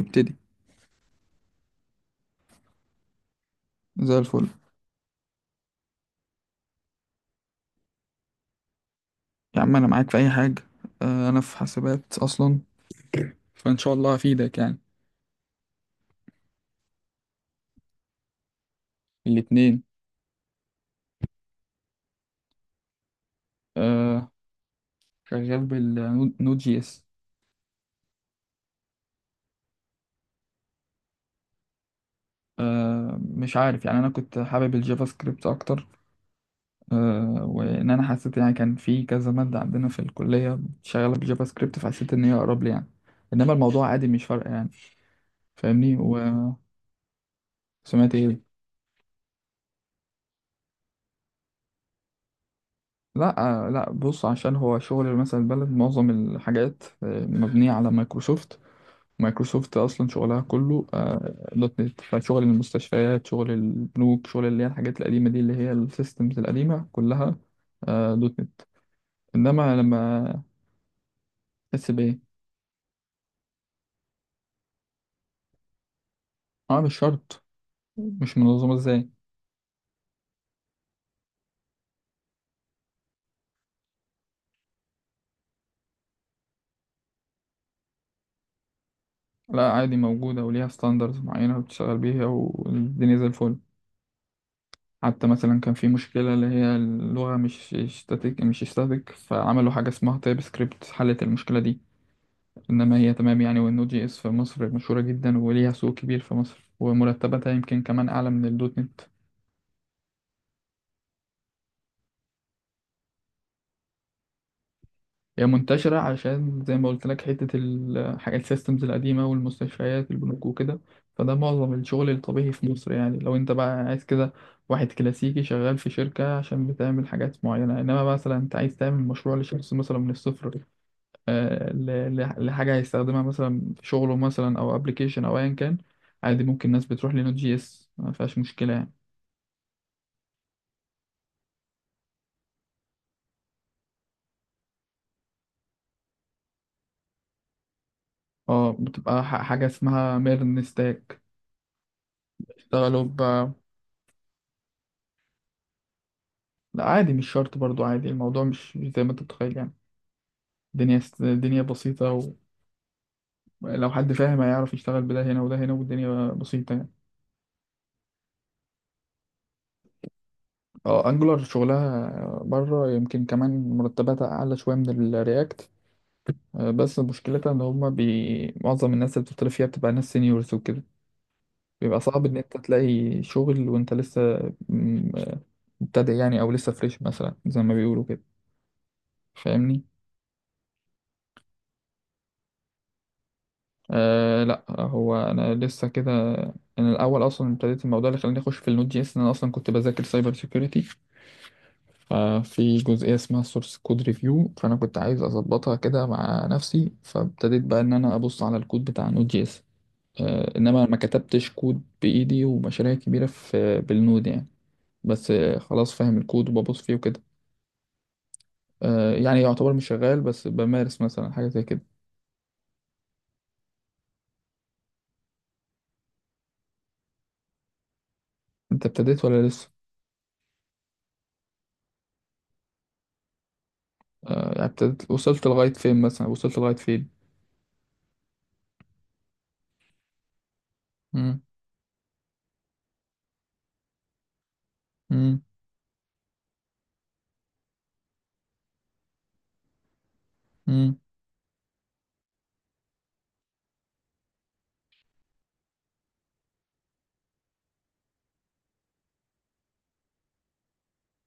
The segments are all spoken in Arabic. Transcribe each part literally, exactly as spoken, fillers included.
ابتدي. زي الفل. يا عم، انا معاك في اي حاجه. آه، انا في حاسبات اصلا، فان شاء الله هفيدك يعني. الاتنين. آه، شغال بالنود جي اس. آه، مش عارف يعني، انا كنت حابب الجافا سكريبت اكتر. آه، وان انا حسيت يعني، كان في كذا ماده عندنا في الكليه شغاله بالجافا سكريبت، فحسيت ان هي اقرب لي يعني. انما الموضوع عادي، مش فارقه يعني. فاهمني وسمعت. ايه. لا. آه، لا بص، عشان هو شغل مثلا البلد معظم الحاجات آه، مبنيه على مايكروسوفت. مايكروسوفت اصلا شغلها كله آه، دوت نت، فشغل المستشفيات شغل البنوك شغل اللي هي الحاجات القديمه دي اللي هي السيستمز القديمه كلها آه، دوت نت. انما لما تحس بايه؟ اه، مش شرط. مش منظمه ازاي؟ لا عادي، موجوده وليها ستاندرز معينه بتشتغل بيها والدنيا زي الفل. حتى مثلا كان في مشكله اللي هي اللغه مش ستاتيك، مش ستاتيك، فعملوا حاجه اسمها تايب سكريبت حلت المشكله دي. انما هي تمام يعني. والنود جي اس في مصر مشهوره جدا وليها سوق كبير في مصر، ومرتباتها يمكن كمان اعلى من الدوت نت. هي منتشره عشان زي ما قلت لك، حته الحاجات السيستمز القديمه والمستشفيات البنوك وكده، فده معظم الشغل الطبيعي في مصر يعني. لو انت بقى عايز كده واحد كلاسيكي شغال في شركه عشان بتعمل حاجات معينه. انما مثلا انت عايز تعمل مشروع لشخص مثلا من الصفر، آه، ل- ل- لحاجه هيستخدمها مثلا في شغله، مثلا او ابلكيشن او ايا كان. عادي ممكن ناس بتروح لنود جي اس، ما فيهاش مشكله يعني. اه، بتبقى ح- حاجة اسمها ميرن ستاك. بيشتغلوا ب لا عادي مش شرط برضو. عادي الموضوع مش مش زي ما انت متخيل يعني. الدنيا س- الدنيا بسيطة. ولو حد فاهم، هيعرف يشتغل بده هنا وده هنا، والدنيا بسيطة يعني. اه انجولار شغلها بره يمكن كمان مرتباتها اعلى شوية من الرياكت. بس مشكلتها ان هما بي... معظم الناس اللي بتطلب فيها بتبقى ناس سينيورز وكده. بيبقى صعب ان انت تلاقي شغل وانت لسه م- مبتدئ يعني، او لسه فريش مثلا زي ما بيقولوا كده. فاهمني. أه لا، هو انا لسه كده. انا الاول اصلا ابتديت الموضوع اللي خلاني اخش في النوت جي اس، ان انا اصلا كنت بذاكر سايبر سيكيورتي. ففي جزئيه اسمها سورس كود ريفيو، فانا كنت عايز اظبطها كده مع نفسي، فابتديت بقى ان انا ابص على الكود بتاع نوت جي اس. أه، انما ما كتبتش كود بايدي ومشاريع كبيره في بالنود يعني. بس آه، خلاص فاهم الكود وببص فيه وكده. أه يعني يعتبر مش شغال، بس بمارس مثلا حاجه زي كده. انت ابتديت ولا لسه؟ أه يعني ابتديت. وصلت لغايه فين مثلا؟ وصلت لغايه فين؟ مم. مم. مم.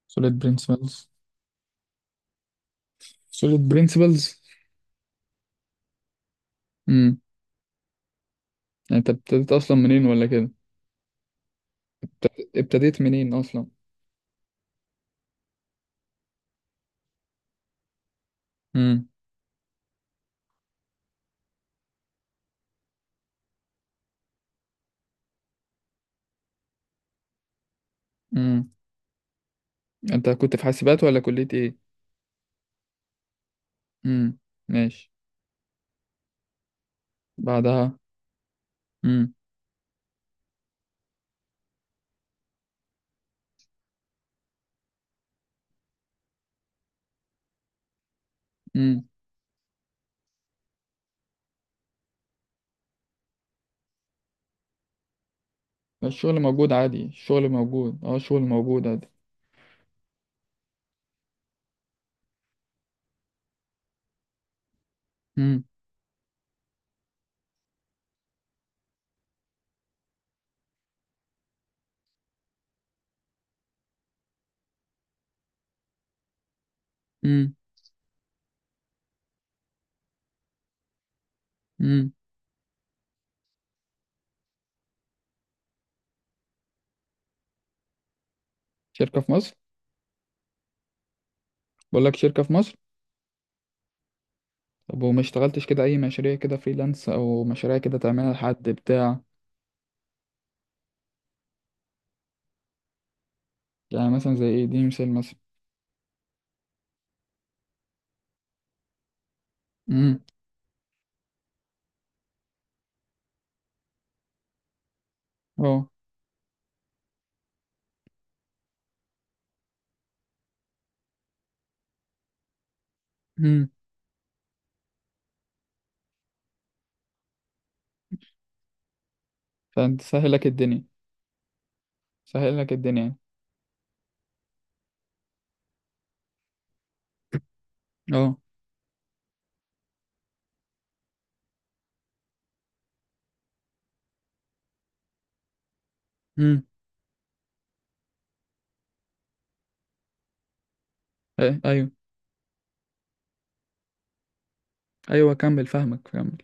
solid principles. solid principles. مم. يعني انت ابتديت اصلا منين ولا كده؟ ابت- ابتديت منين اصلا؟ مم. مم. انت كنت في حاسبات ولا كلية ايه؟ مم. ماشي. بعدها؟ مم. مم. الشغل موجود عادي، الشغل موجود، اه الشغل موجود عادي. مم. مم. مم. شركة في مصر؟ بقول لك شركة في مصر. طب وما اشتغلتش كده اي مشاريع، كده فريلانس او مشاريع كده تعملها لحد بتاع؟ يعني مثلا زي ايه؟ دي مثال مثلا. امم. اه. فانت سهل لك الدنيا. سهل لك الدنيا يعني. اه. امم. ايه. ايوه. ايوه كمل، فاهمك، كمل.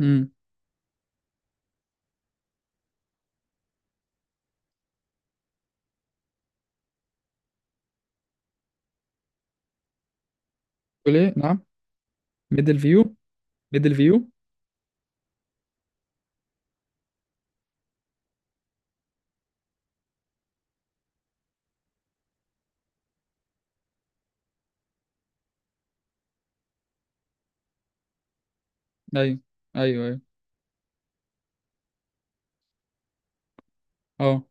امم. تقول ايه، نعم؟ ميدل فيو. ميدل فيو. ايوه. ايوه. ايوه. اه.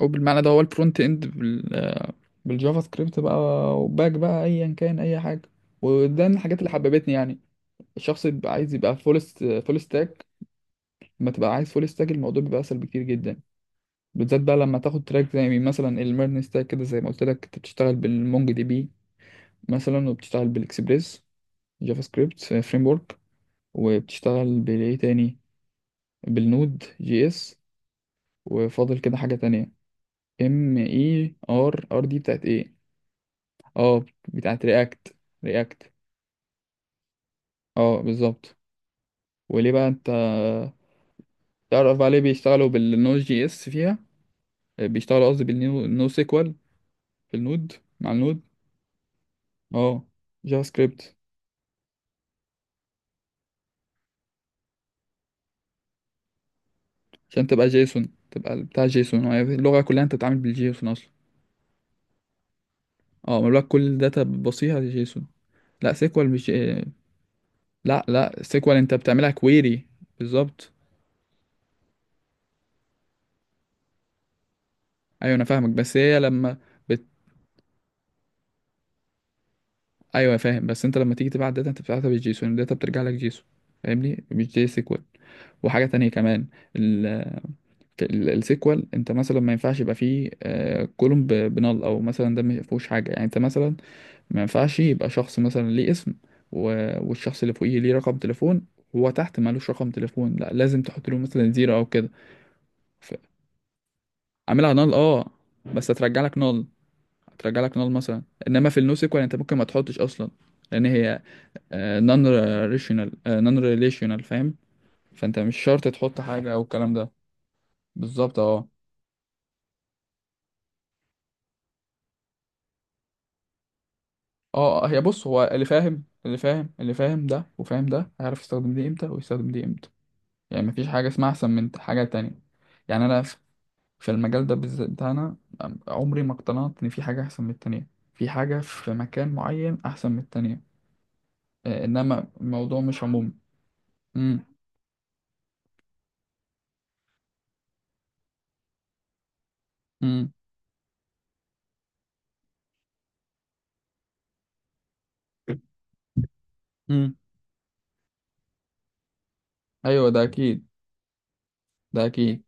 او بالمعنى ده، هو الفرونت اند بال... بالجافا سكريبت بقى، وباك بقى ايا كان اي حاجه. وده من الحاجات اللي حببتني يعني. الشخص اللي بيبقى عايز يبقى فول، فول ستاك. لما تبقى عايز فول ستاك الموضوع بيبقى اسهل بكتير جدا، بالذات بقى لما تاخد تراك زي مثلا الميرن ستاك كده، زي ما قلت لك انت بتشتغل بالمونج دي بي مثلا، وبتشتغل بالاكسبريس، جافا سكريبت فريم ورك، وبتشتغل بالايه تاني؟ بالنود جي اس. وفاضل كده حاجة تانية. ام اي ار ار دي بتاعت ايه؟ اه، بتاعت رياكت. رياكت. اه بالظبط. وليه بقى انت تعرف عليه بيشتغلوا بالنود جي اس فيها؟ بيشتغلوا قصدي بالنيو نو سيكوال، في النود. مع النود. اه، جافا سكريبت. عشان تبقى جيسون، تبقى بتاع جيسون، هي اللغة كلها انت بتتعامل بالجيسون اصلا. اه، مبلغ كل الداتا بتبصيها جيسون. لا سيكوال مش، لا لا، سيكوال انت بتعملها كويري. بالظبط. ايوه انا فاهمك، بس هي لما بت... ايوه فاهم. بس انت لما تيجي تبعت داتا انت بتبعتها بالجيسون، الداتا بترجع لك جيسون. فاهمني، مش جي سيكوال. وحاجه تانية كمان، ال... ال- السيكوال انت مثلا ما ينفعش يبقى فيه آه كولوم ب... بنال، او مثلا ده ما فيهوش حاجه يعني. انت مثلا ما ينفعش يبقى شخص مثلا ليه اسم و... والشخص اللي فوقيه ليه رقم تليفون، هو تحت مالوش رقم تليفون، لا لازم تحط له مثلا زيرو او كده. ف- عاملها نال اه، بس هترجع لك نال، هترجع لك نار مثلا. انما في النوسيكوال انت ممكن ما تحطش اصلا، لان هي نون ريليشنال. نون ريليشنال، فاهم. فانت مش شرط تحط حاجه او الكلام ده. بالظبط. اه. اه. آه، هي بص، هو اللي فاهم اللي فاهم اللي فاهم ده وفاهم ده هيعرف يستخدم دي امتى ويستخدم دي امتى. يعني مفيش حاجه اسمها احسن من حاجه تانية. يعني انا في في المجال ده بالذات بتاعنا، عمري ما اقتنعت ان في حاجه احسن من التانية، في حاجه في مكان معين احسن من التانية. آه، انما الموضوع مش عمومي. امم. امم. امم. ايوه ده اكيد. ده اكيد.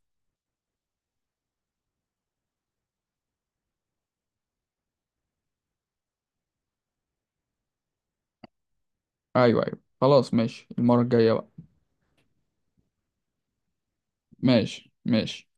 ايوه ايوه خلاص، ماشي، المرة الجاية بقى. ماشي ماشي.